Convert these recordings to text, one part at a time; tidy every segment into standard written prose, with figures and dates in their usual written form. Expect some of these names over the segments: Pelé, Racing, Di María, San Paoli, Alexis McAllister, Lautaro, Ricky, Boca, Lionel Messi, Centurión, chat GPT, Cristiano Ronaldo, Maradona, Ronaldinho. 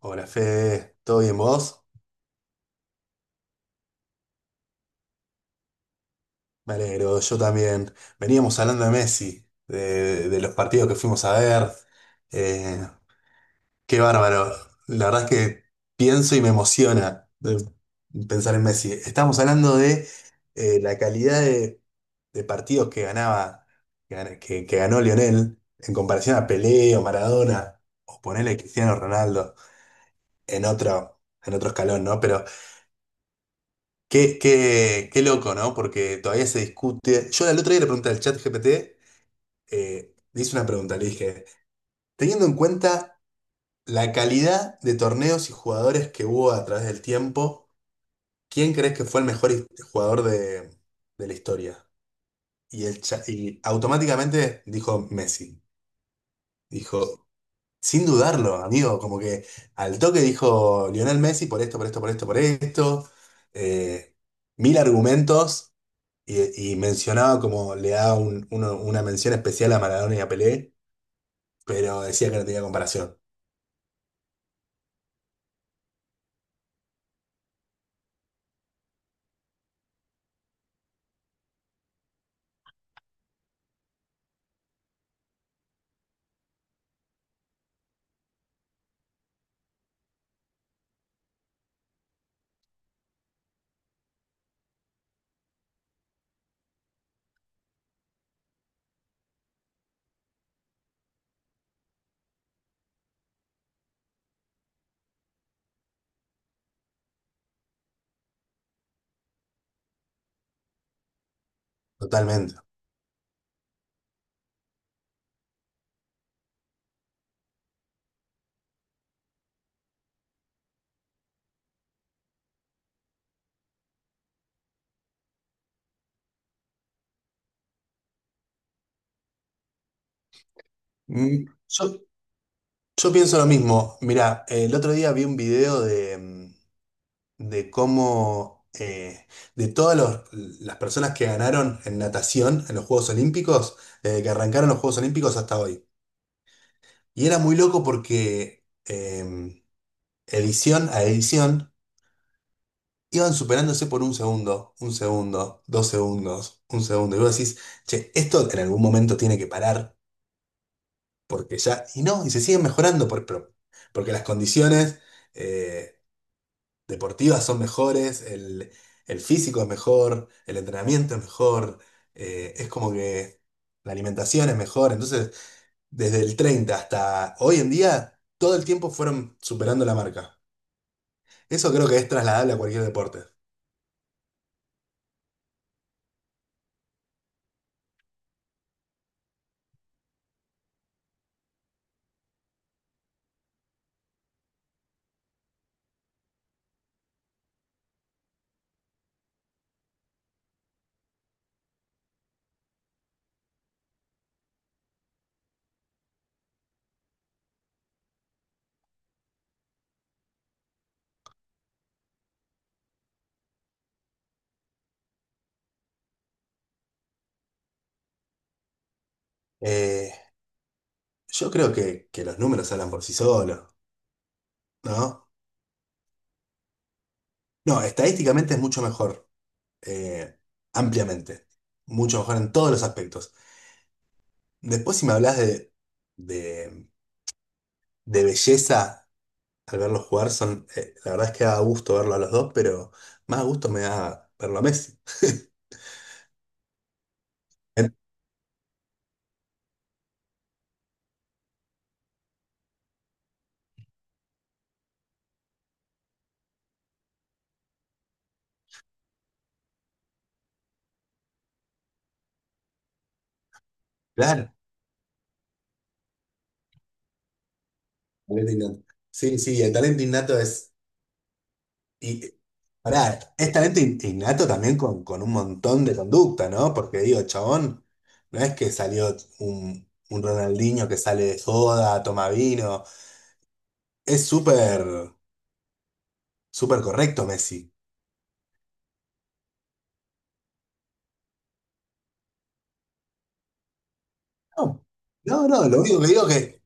Hola Fede, ¿todo bien vos? Me alegro, yo también. Veníamos hablando de Messi, de los partidos que fuimos a ver. Eh, Qué bárbaro. La verdad es que pienso y me emociona de pensar en Messi. Estamos hablando de la calidad de partidos que ganaba, que ganó Lionel en comparación a Pelé o Maradona, o ponerle Cristiano Ronaldo en otro escalón, ¿no? Pero qué loco, ¿no? Porque todavía se discute. Yo el otro día le pregunté al chat GPT, le hice una pregunta, le dije, teniendo en cuenta la calidad de torneos y jugadores que hubo a través del tiempo, ¿quién crees que fue el mejor jugador de la historia? Y, automáticamente dijo Messi. Dijo, sin dudarlo, amigo, como que al toque dijo Lionel Messi por esto, por esto, por esto, por esto. eh, Mil argumentos. Y mencionaba como le daba una mención especial a Maradona y a Pelé, pero decía que no tenía comparación. Totalmente. Mm, Yo, yo pienso lo mismo. Mirá, el otro día vi un video de, de cómo, de las personas que ganaron en natación en los Juegos Olímpicos, desde que arrancaron los Juegos Olímpicos hasta hoy. Y era muy loco porque em, edición a edición iban superándose por un segundo, dos segundos, un segundo. Y vos decís, che, esto en algún momento tiene que parar, porque ya. Y no, y se siguen mejorando, porque las condiciones eh, deportivas son mejores, el físico es mejor, el entrenamiento es mejor, es como que la alimentación es mejor. Entonces, desde el 30 hasta hoy en día, todo el tiempo fueron superando la marca. Eso creo que es trasladable a cualquier deporte. Eh, Yo creo que los números hablan por sí solos, ¿no? No, estadísticamente es mucho mejor, eh, ampliamente, mucho mejor en todos los aspectos. Después, si me hablas de, de belleza al verlos jugar, son, la verdad es que da gusto verlo a los dos, pero más gusto me da verlo a Messi. Claro. Talento innato. Sí, sí, el talento innato es... Y pará, es talento innato también con un montón de conducta, ¿no? Porque digo, chabón, no es que salió un Ronaldinho que sale de joda, toma vino. Es súper, súper correcto Messi. No, no, no, lo único que digo es que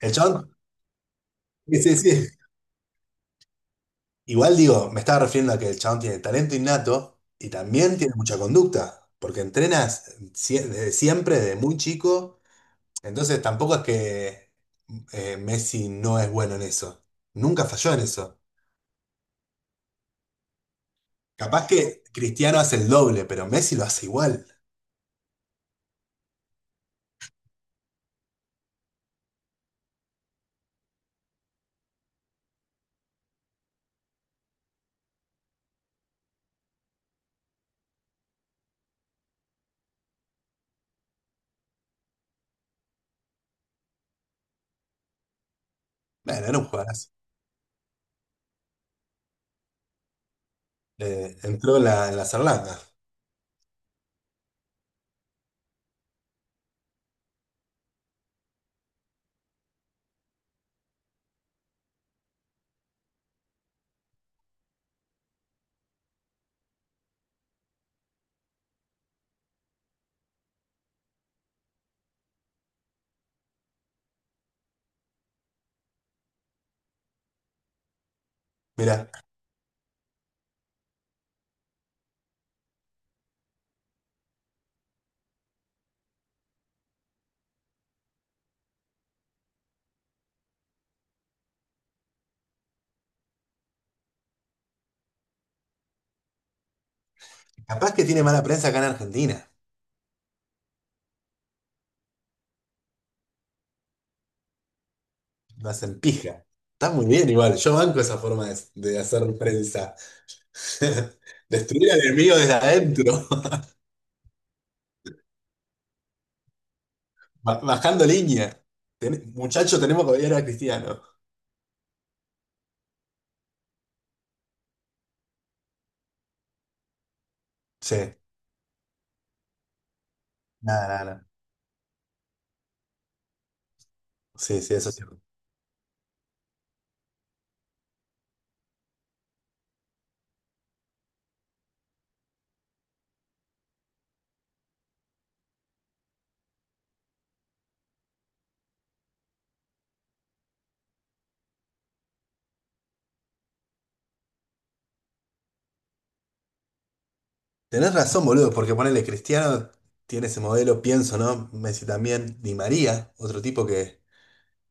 el chabón, sí, sí, sí. Igual digo, me estaba refiriendo a que el chabón tiene talento innato y también tiene mucha conducta, porque entrenas desde siempre, desde muy chico. Entonces tampoco es que Messi no es bueno en eso. Nunca falló en eso. Capaz que Cristiano hace el doble, pero Messi lo hace igual. Bueno, era un jugadorazo. Entró en la Sarlanda. Mira, capaz que tiene mala prensa acá en Argentina. Lo hacen pija. Está muy bien igual. Yo banco esa forma de hacer prensa. Destruir al enemigo desde adentro. Bajando línea. Muchacho, tenemos que odiar a Cristiano. Sí. Nada, nada, nada. Sí, sí, eso sí. Tenés razón, boludo, porque ponele Cristiano tiene ese modelo, pienso, ¿no? Messi también, Di María, otro tipo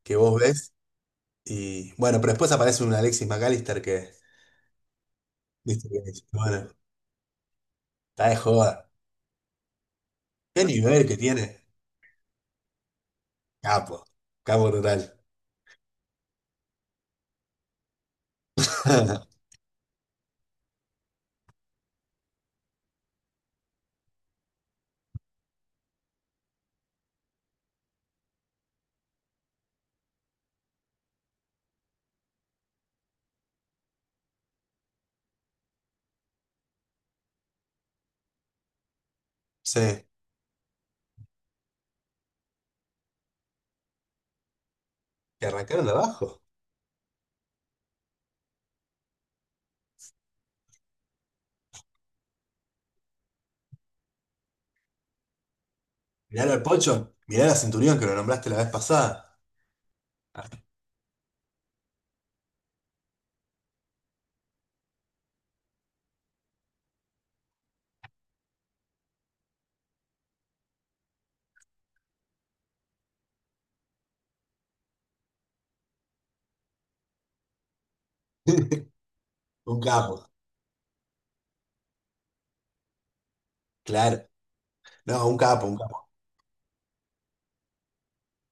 que vos ves. Y bueno, pero después aparece un Alexis McAllister que, viste, que dice, bueno, está de joda. ¿Qué nivel que tiene? Capo, capo total. Sí, que arrancaron de abajo. Mirá al Pocho, mirá a Centurión que lo nombraste la vez pasada. Un capo, claro. No, un capo, un capo.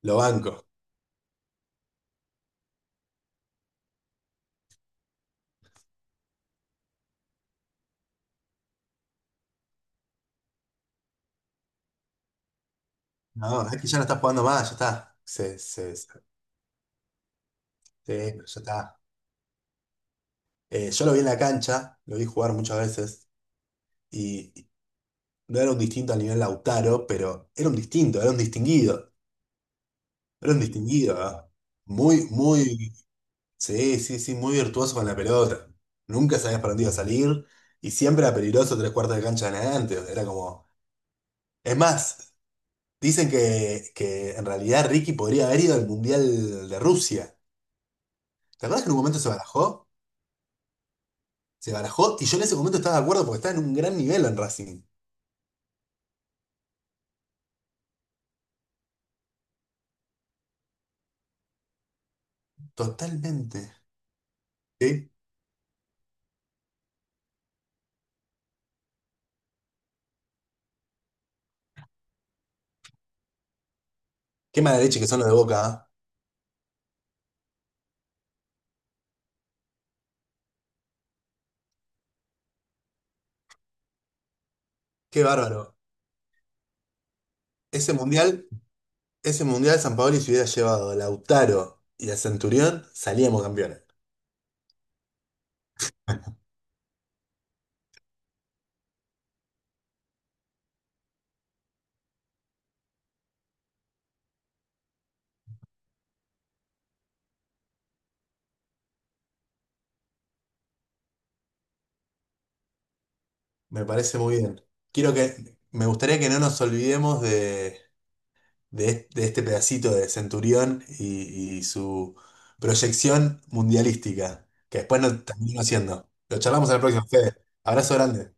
Lo banco. No, es que ya no está jugando más, ya está. Se... Sí, pero ya está. Yo lo vi en la cancha, lo vi jugar muchas veces y no era un distinto al nivel Lautaro, pero era un distinto, era un distinguido, ¿ah? Muy, muy, sí, sí, sí, muy virtuoso con la pelota. Nunca sabías para dónde iba a salir y siempre era peligroso tres cuartos de cancha en adelante. Era como, es más, dicen que en realidad Ricky podría haber ido al Mundial de Rusia. ¿Te acuerdas que en un momento se barajó? Se barajó y yo en ese momento estaba de acuerdo porque estaba en un gran nivel en Racing. Totalmente. ¿Sí? Qué mala leche que son los de Boca, ¿ah? Qué bárbaro. Ese mundial, ese mundial San Paoli se hubiera llevado a Lautaro y a Centurión, salíamos campeones. Me parece muy bien. Quiero que, me gustaría que no nos olvidemos de, de este pedacito de Centurión y su proyección mundialística, que después nos terminó haciendo. Lo charlamos en la próxima, Fede. Abrazo grande.